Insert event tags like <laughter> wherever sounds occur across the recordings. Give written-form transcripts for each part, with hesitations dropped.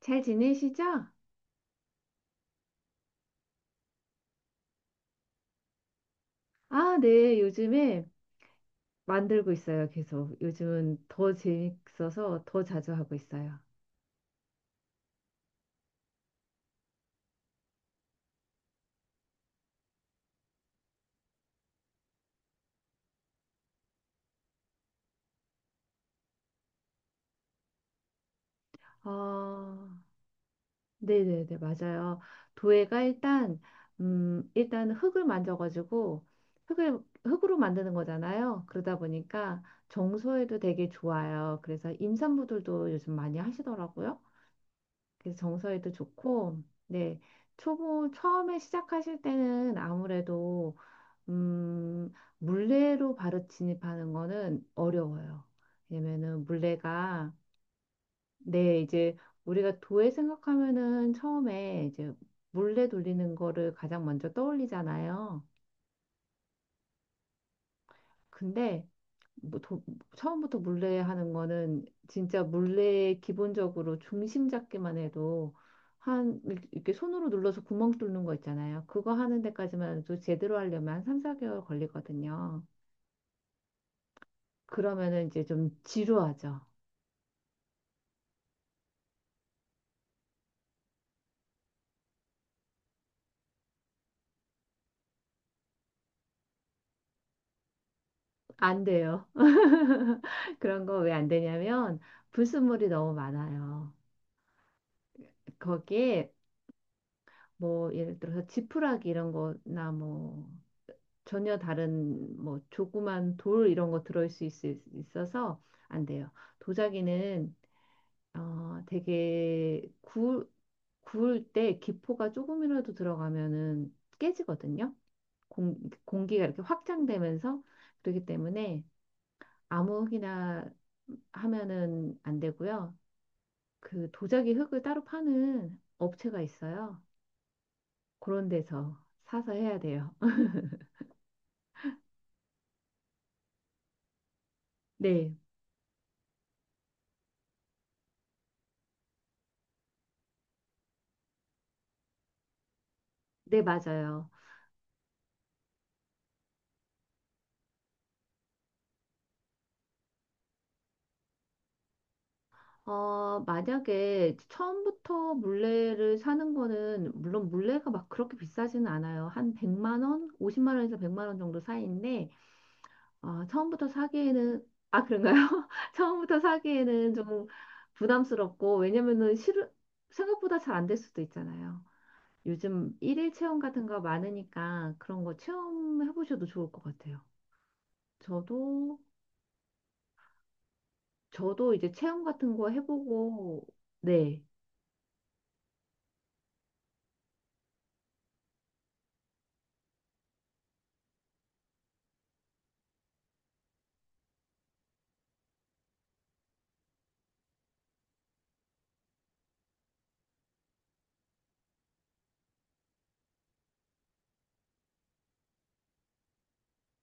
잘 지내시죠? 아, 네. 요즘에 만들고 있어요. 계속. 요즘은 더 재밌어서 더 자주 하고 있어요. 아, 네네네. 맞아요. 도예가 일단 흙을 만져가지고, 흙을, 흙으로 만드는 거잖아요. 그러다 보니까 정서에도 되게 좋아요. 그래서 임산부들도 요즘 많이 하시더라고요. 그래서 정서에도 좋고, 네. 처음에 시작하실 때는 아무래도 음, 물레로 바로 진입하는 거는 어려워요. 왜냐면은 물레가. 네, 이제 우리가 도에 생각하면은 처음에 이제 물레 돌리는 거를 가장 먼저 떠올리잖아요. 근데 뭐 처음부터 물레 하는 거는 진짜 물레 기본적으로 중심 잡기만 해도 한 이렇게 이렇게 손으로 눌러서 구멍 뚫는 거 있잖아요. 그거 하는 데까지만 해도 제대로 하려면 한 3, 4개월 걸리거든요. 그러면은 이제 좀 지루하죠. 안 돼요. <laughs> 그런 거 왜 안 되냐면 불순물이 너무 많아요. 거기에 뭐 예를 들어서 지푸라기 이런 거나 뭐 전혀 다른 뭐 조그만 돌 이런 거 들어올 수 있어서 안 돼요. 도자기는 되게 구울 때 기포가 조금이라도 들어가면은 깨지거든요. 공, 공기가 이렇게 확장되면서 그렇기 때문에 아무거나 하면은 안 되고요. 그 도자기 흙을 따로 파는 업체가 있어요. 그런 데서 사서 해야 돼요. <laughs> 네, 네, 맞아요. 만약에 처음부터 물레를 사는 거는, 물론 물레가 막 그렇게 비싸지는 않아요. 한 100만 원? 50만 원에서 100만 원 정도 사이인데, 처음부터 사기에는, 아, 그런가요? <laughs> 처음부터 사기에는 좀 부담스럽고, 왜냐면은 생각보다 잘 안될 수도 있잖아요. 요즘 일일 체험 같은 거 많으니까 그런 거 체험해 보셔도 좋을 것 같아요. 저도 저도 이제 체험 같은 거 해보고 네.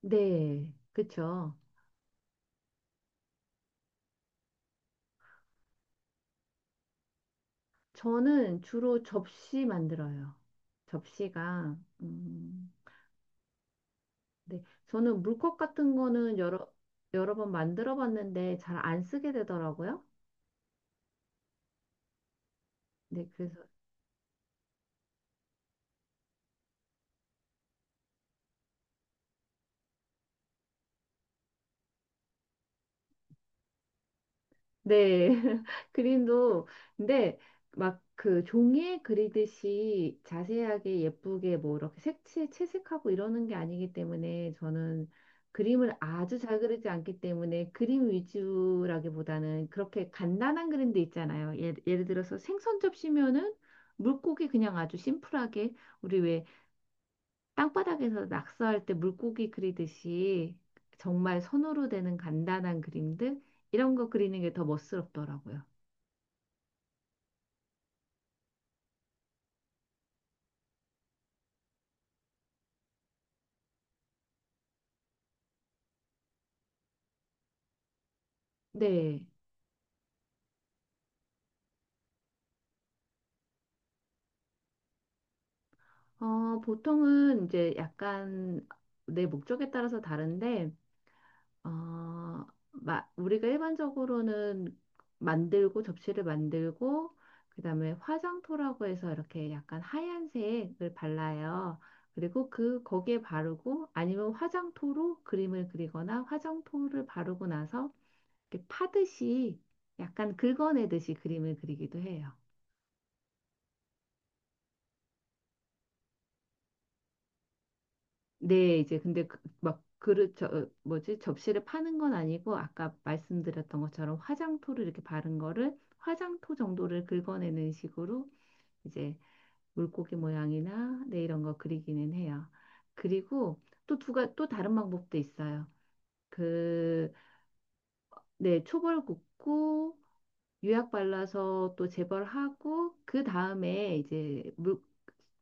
네. 그쵸. 저는 주로 접시 만들어요. 접시가 음, 네. 저는 물컵 같은 거는 여러 번 만들어 봤는데 잘 안 쓰게 되더라고요. 네. 그래서 네, <laughs> 그림도, 근데 막 그 종이에 그리듯이 자세하게 예쁘게 뭐 이렇게 색채 채색하고 이러는 게 아니기 때문에 저는 그림을 아주 잘 그리지 않기 때문에 그림 위주라기보다는 그렇게 간단한 그림도 있잖아요. 예를 들어서 생선 접시면은 물고기 그냥 아주 심플하게 우리 왜 땅바닥에서 낙서할 때 물고기 그리듯이 정말 손으로 되는 간단한 그림들 이런 거 그리는 게 더 멋스럽더라고요. 네. 보통은 이제 약간 내 목적에 따라서 다른데 어, 우리가 일반적으로는 만들고 접시를 만들고 그다음에 화장토라고 해서 이렇게 약간 하얀색을 발라요. 그리고 그 거기에 바르고 아니면 화장토로 그림을 그리거나 화장토를 바르고 나서 이렇게 파듯이 약간 긁어내듯이 그림을 그리기도 해요. 네, 이제 근데 막 그릇 뭐지 접시를 파는 건 아니고 아까 말씀드렸던 것처럼 화장토를 이렇게 바른 거를 화장토 정도를 긁어내는 식으로 이제 물고기 모양이나 네 이런 거 그리기는 해요. 그리고 또 두가 또 다른 방법도 있어요. 그 네 초벌 굽고 유약 발라서 또 재벌하고 그 다음에 이제 물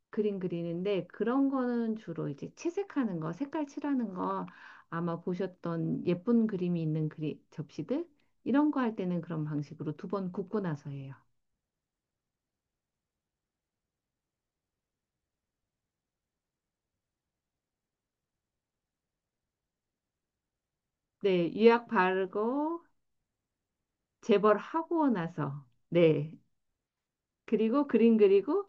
그림 그리는데 그런 거는 주로 이제 채색하는 거, 색깔 칠하는 거 아마 보셨던 예쁜 그림이 있는 그리 접시들 이런 거 할 때는 그런 방식으로 두 번 굽고 나서 해요. 네, 유약 바르고 재벌하고 나서 네. 그리고 그림 그리고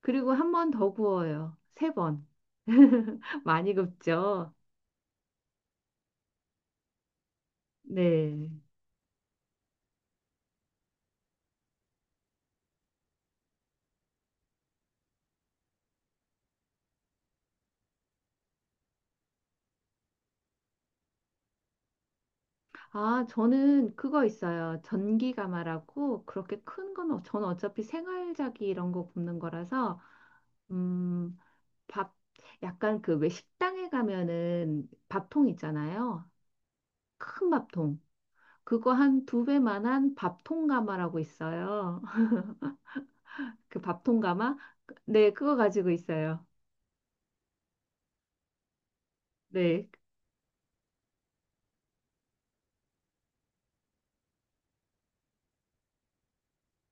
그리고 한 번 더 구워요. 세 번. <laughs> 많이 굽죠. 네. 아, 저는 그거 있어요. 전기가마라고 그렇게 큰 건, 저는 어차피 생활자기 이런 거 굽는 거라서, 음, 밥, 약간 그 왜 식당에 가면은 밥통 있잖아요. 큰 밥통. 그거 한 두 배만한 밥통 가마라고 있어요. <laughs> 그 밥통 가마? 네, 그거 가지고 있어요. 네.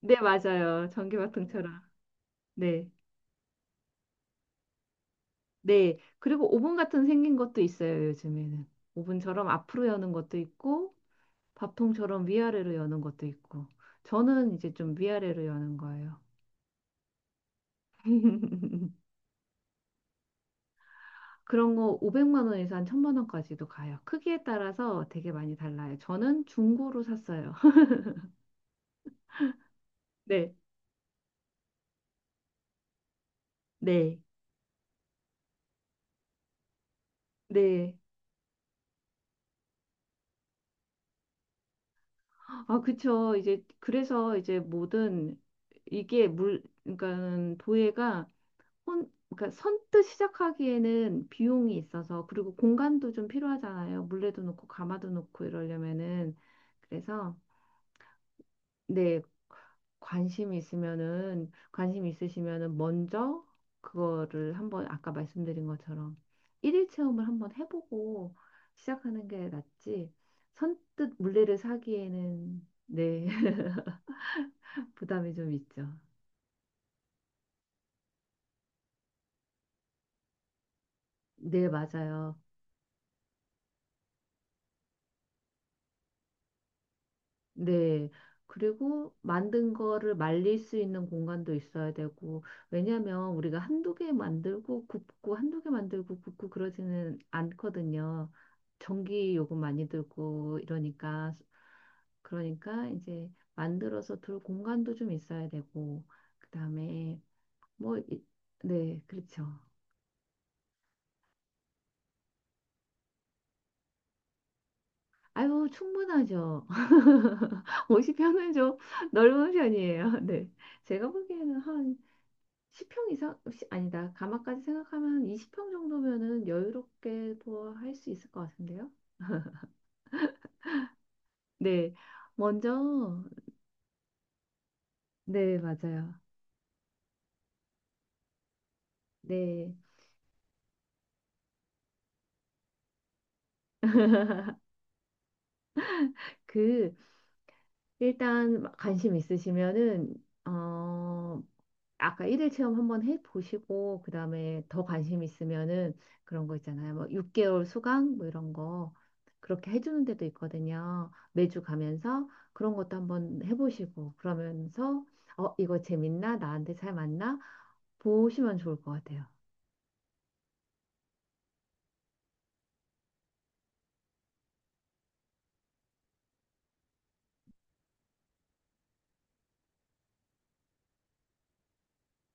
네, 맞아요. 전기밥통처럼. 네. 네. 그리고 오븐 같은 생긴 것도 있어요, 요즘에는. 오븐처럼 앞으로 여는 것도 있고, 밥통처럼 위아래로 여는 것도 있고. 저는 이제 좀 위아래로 여는 거예요. <laughs> 그런 거 500만 원에서 한 1000만 원까지도 가요. 크기에 따라서 되게 많이 달라요. 저는 중고로 샀어요. <laughs> 네, 네, 네. 아, 그쵸. 이제 그래서 이제 모든 이게 그러니까는 도예가 그러니까 선뜻 시작하기에는 비용이 있어서 그리고 공간도 좀 필요하잖아요. 물레도 놓고 가마도 놓고 이러려면은 그래서 네, 관심 있으시면은 먼저 그거를 한번 아까 말씀드린 것처럼 일일 체험을 한번 해보고 시작하는 게 낫지, 선뜻 물레를 사기에는, 네, <laughs> 부담이 좀 있죠. 네, 맞아요. 네. 그리고 만든 거를 말릴 수 있는 공간도 있어야 되고, 왜냐면 우리가 한두 개 만들고 굽고, 한두 개 만들고 굽고 그러지는 않거든요. 전기 요금 많이 들고 이러니까, 그러니까 이제 만들어서 둘 공간도 좀 있어야 되고, 그 다음에 뭐, 네, 그렇죠. 아유, 충분하죠. <laughs> 50평은 좀 <laughs> 넓은 편이에요. 네. 제가 보기에는 한 10평 이상, 아니다. 가마까지 생각하면 20평 정도면은 여유롭게도 할 수 있을 것 같은데요. 네. 먼저, 네, 맞아요. 네. 그, 일단 관심 있으시면은, 어, 아까 일일 체험 한번 해보시고 그다음에 더 관심 있으면은 그런 거 있잖아요. 뭐 6개월 수강 뭐 이런 거 그렇게 해주는 데도 있거든요. 매주 가면서 그런 것도 한번 해보시고 그러면서 이거 재밌나? 나한테 잘 맞나? 보시면 좋을 것 같아요.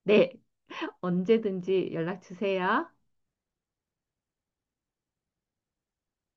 네, 언제든지 연락 주세요.